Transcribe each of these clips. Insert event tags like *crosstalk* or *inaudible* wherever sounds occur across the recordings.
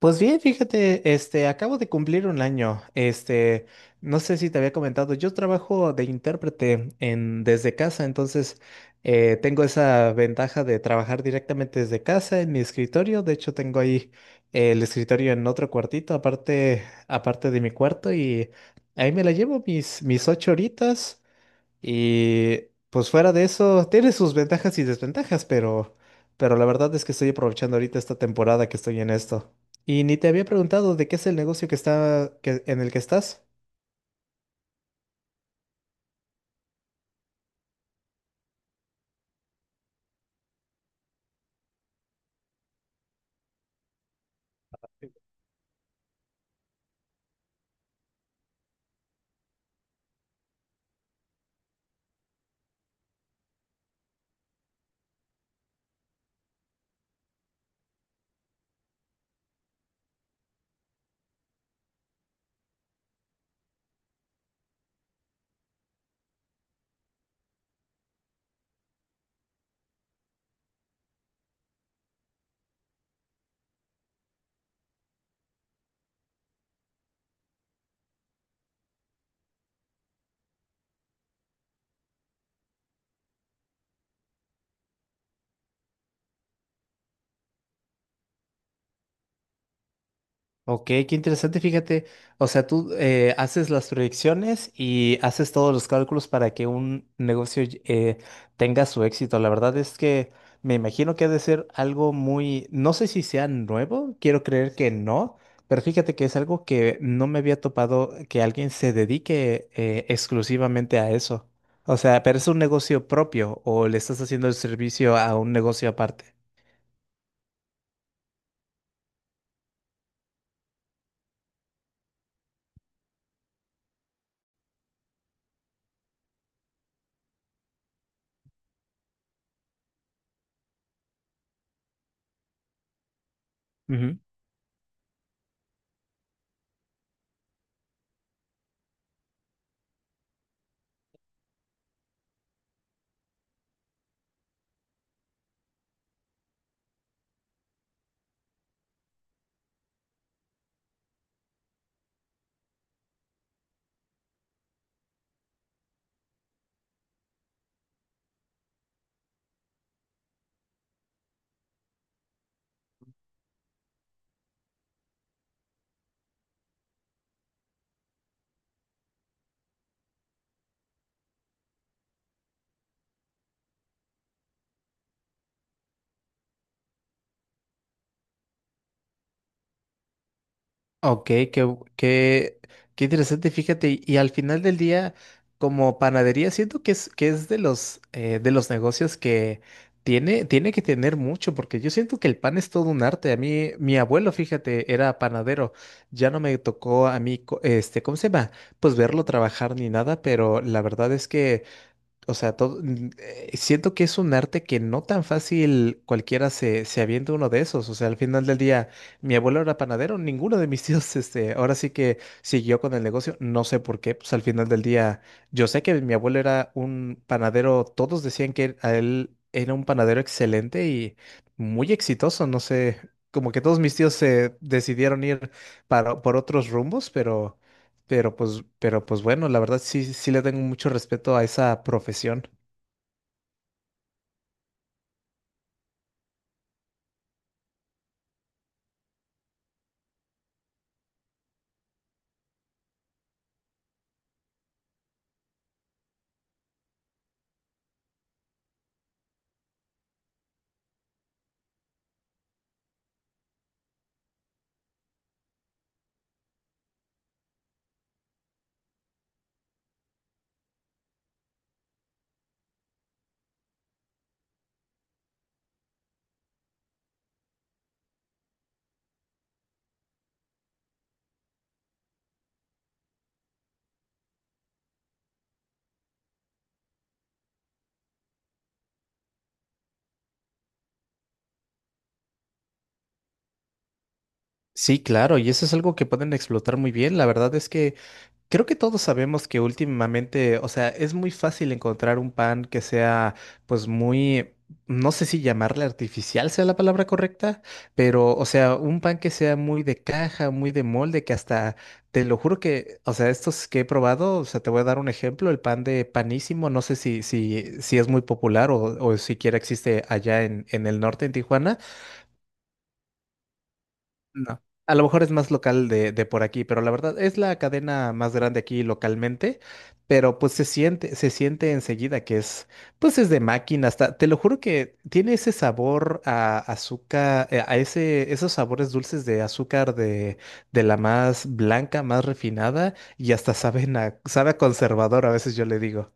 Pues bien, fíjate, acabo de cumplir un año. No sé si te había comentado, yo trabajo de intérprete desde casa. Entonces tengo esa ventaja de trabajar directamente desde casa en mi escritorio. De hecho, tengo ahí el escritorio en otro cuartito, aparte de mi cuarto, y ahí me la llevo mis 8 horitas. Y pues fuera de eso, tiene sus ventajas y desventajas, pero la verdad es que estoy aprovechando ahorita esta temporada que estoy en esto. Y ni te había preguntado de qué es el negocio en el que estás. Ok, qué interesante, fíjate. O sea, tú haces las proyecciones y haces todos los cálculos para que un negocio tenga su éxito. La verdad es que me imagino que ha de ser algo muy, no sé si sea nuevo, quiero creer que no, pero fíjate que es algo que no me había topado que alguien se dedique exclusivamente a eso. O sea, ¿pero es un negocio propio o le estás haciendo el servicio a un negocio aparte? Ok, qué interesante, fíjate. Y, y al final del día, como panadería, siento que que es de de los negocios que tiene que tener mucho, porque yo siento que el pan es todo un arte. A mí, mi abuelo, fíjate, era panadero, ya no me tocó a mí, ¿cómo se llama? Pues verlo trabajar ni nada, pero la verdad es que o sea, siento que es un arte que no tan fácil cualquiera se avienta uno de esos. O sea, al final del día, mi abuelo era panadero, ninguno de mis *laughs* tíos, este, ahora sí que siguió con el negocio. No sé por qué, pues al final del día, yo sé que mi abuelo era un panadero, todos decían que a él era un panadero excelente y muy exitoso. No sé, como que todos mis tíos se decidieron ir por otros rumbos, pero... pero pues bueno, la verdad sí, sí le tengo mucho respeto a esa profesión. Sí, claro, y eso es algo que pueden explotar muy bien. La verdad es que creo que todos sabemos que últimamente, o sea, es muy fácil encontrar un pan que pues muy, no sé si llamarle artificial sea la palabra correcta, pero, o sea, un pan que sea muy de caja, muy de molde, te lo juro que, o sea, estos que he probado, o sea, te voy a dar un ejemplo, el pan de Panísimo, no sé si es muy popular o siquiera existe allá en el norte, en Tijuana, no. A lo mejor es más local de por aquí, pero la verdad es la cadena más grande aquí localmente, pero pues se siente enseguida que es, pues es de máquina, hasta, te lo juro que tiene ese sabor a azúcar, esos sabores dulces de azúcar de la más blanca, más refinada, y hasta sabe a conservador, a veces yo le digo.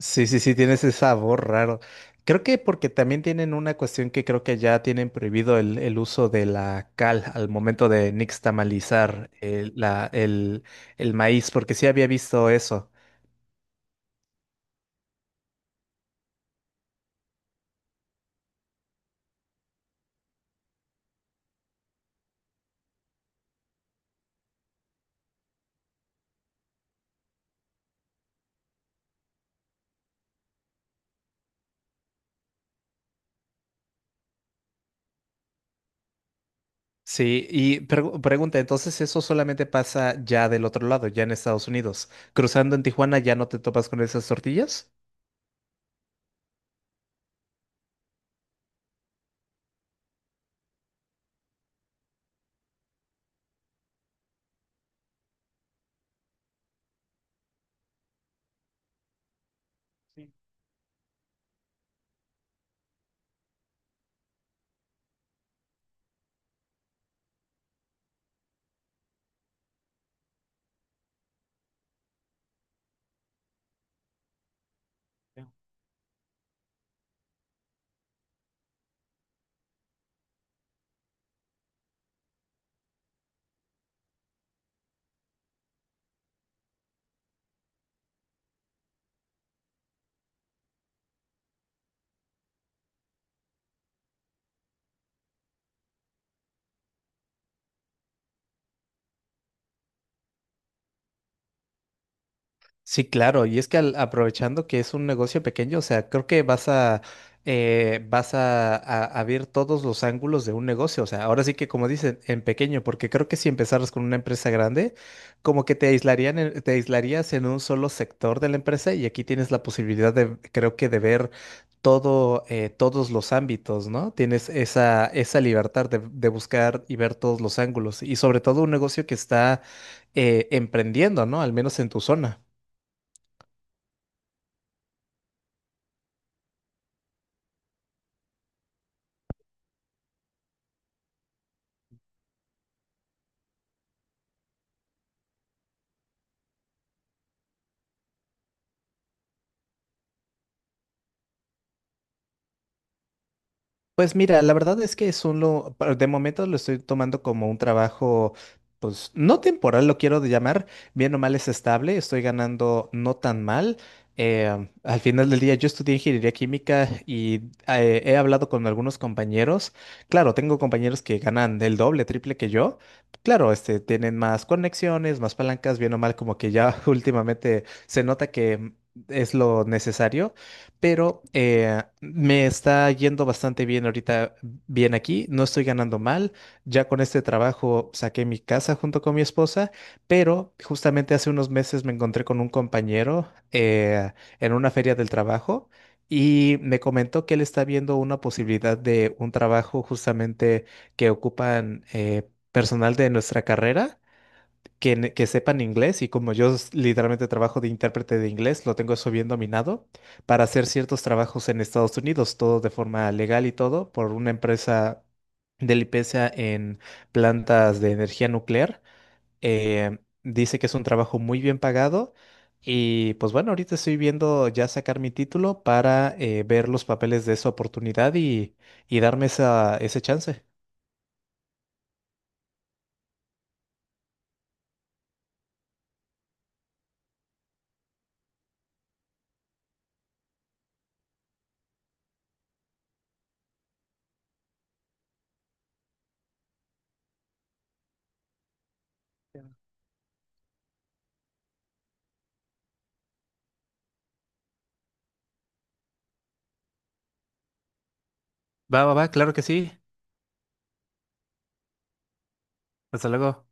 Sí, sí, sí, tiene ese sabor raro. Creo que porque también tienen una cuestión que creo que ya tienen prohibido el uso de la cal al momento de nixtamalizar el maíz, porque sí había visto eso. Sí, y pregunta, entonces eso solamente pasa ya del otro lado, ya en Estados Unidos. Cruzando en Tijuana, ¿ya no te topas con esas tortillas? Sí, claro, y es que aprovechando que es un negocio pequeño, o sea, creo que vas a a ver todos los ángulos de un negocio, o sea, ahora sí que como dicen, en pequeño, porque creo que si empezaras con una empresa grande, como que te aislarían, te aislarías en un solo sector de la empresa y aquí tienes la posibilidad de, creo que de ver todo, todos los ámbitos, ¿no? Tienes esa libertad de buscar y ver todos los ángulos, y sobre todo un negocio que está emprendiendo, ¿no? Al menos en tu zona. Pues mira, la verdad es que es un lo, pa- de momento lo estoy tomando como un trabajo, pues no temporal, lo quiero de llamar, bien o mal es estable, estoy ganando no tan mal. Al final del día yo estudié ingeniería química y he hablado con algunos compañeros. Claro, tengo compañeros que ganan el doble, triple que yo. Claro, este, tienen más conexiones, más palancas, bien o mal, como que ya *laughs* últimamente se nota que es lo necesario, pero me está yendo bastante bien ahorita, bien aquí, no estoy ganando mal, ya con este trabajo saqué mi casa junto con mi esposa, pero justamente hace unos meses me encontré con un compañero en una feria del trabajo y me comentó que él está viendo una posibilidad de un trabajo justamente que ocupan personal de nuestra carrera que sepan inglés, y como yo literalmente trabajo de intérprete de inglés, lo tengo eso bien dominado para hacer ciertos trabajos en Estados Unidos, todo de forma legal y todo, por una empresa de limpieza en plantas de energía nuclear. Dice que es un trabajo muy bien pagado y pues bueno, ahorita estoy viendo ya sacar mi título para ver los papeles de esa oportunidad y darme ese chance. Va, va, va, claro que sí. Hasta luego.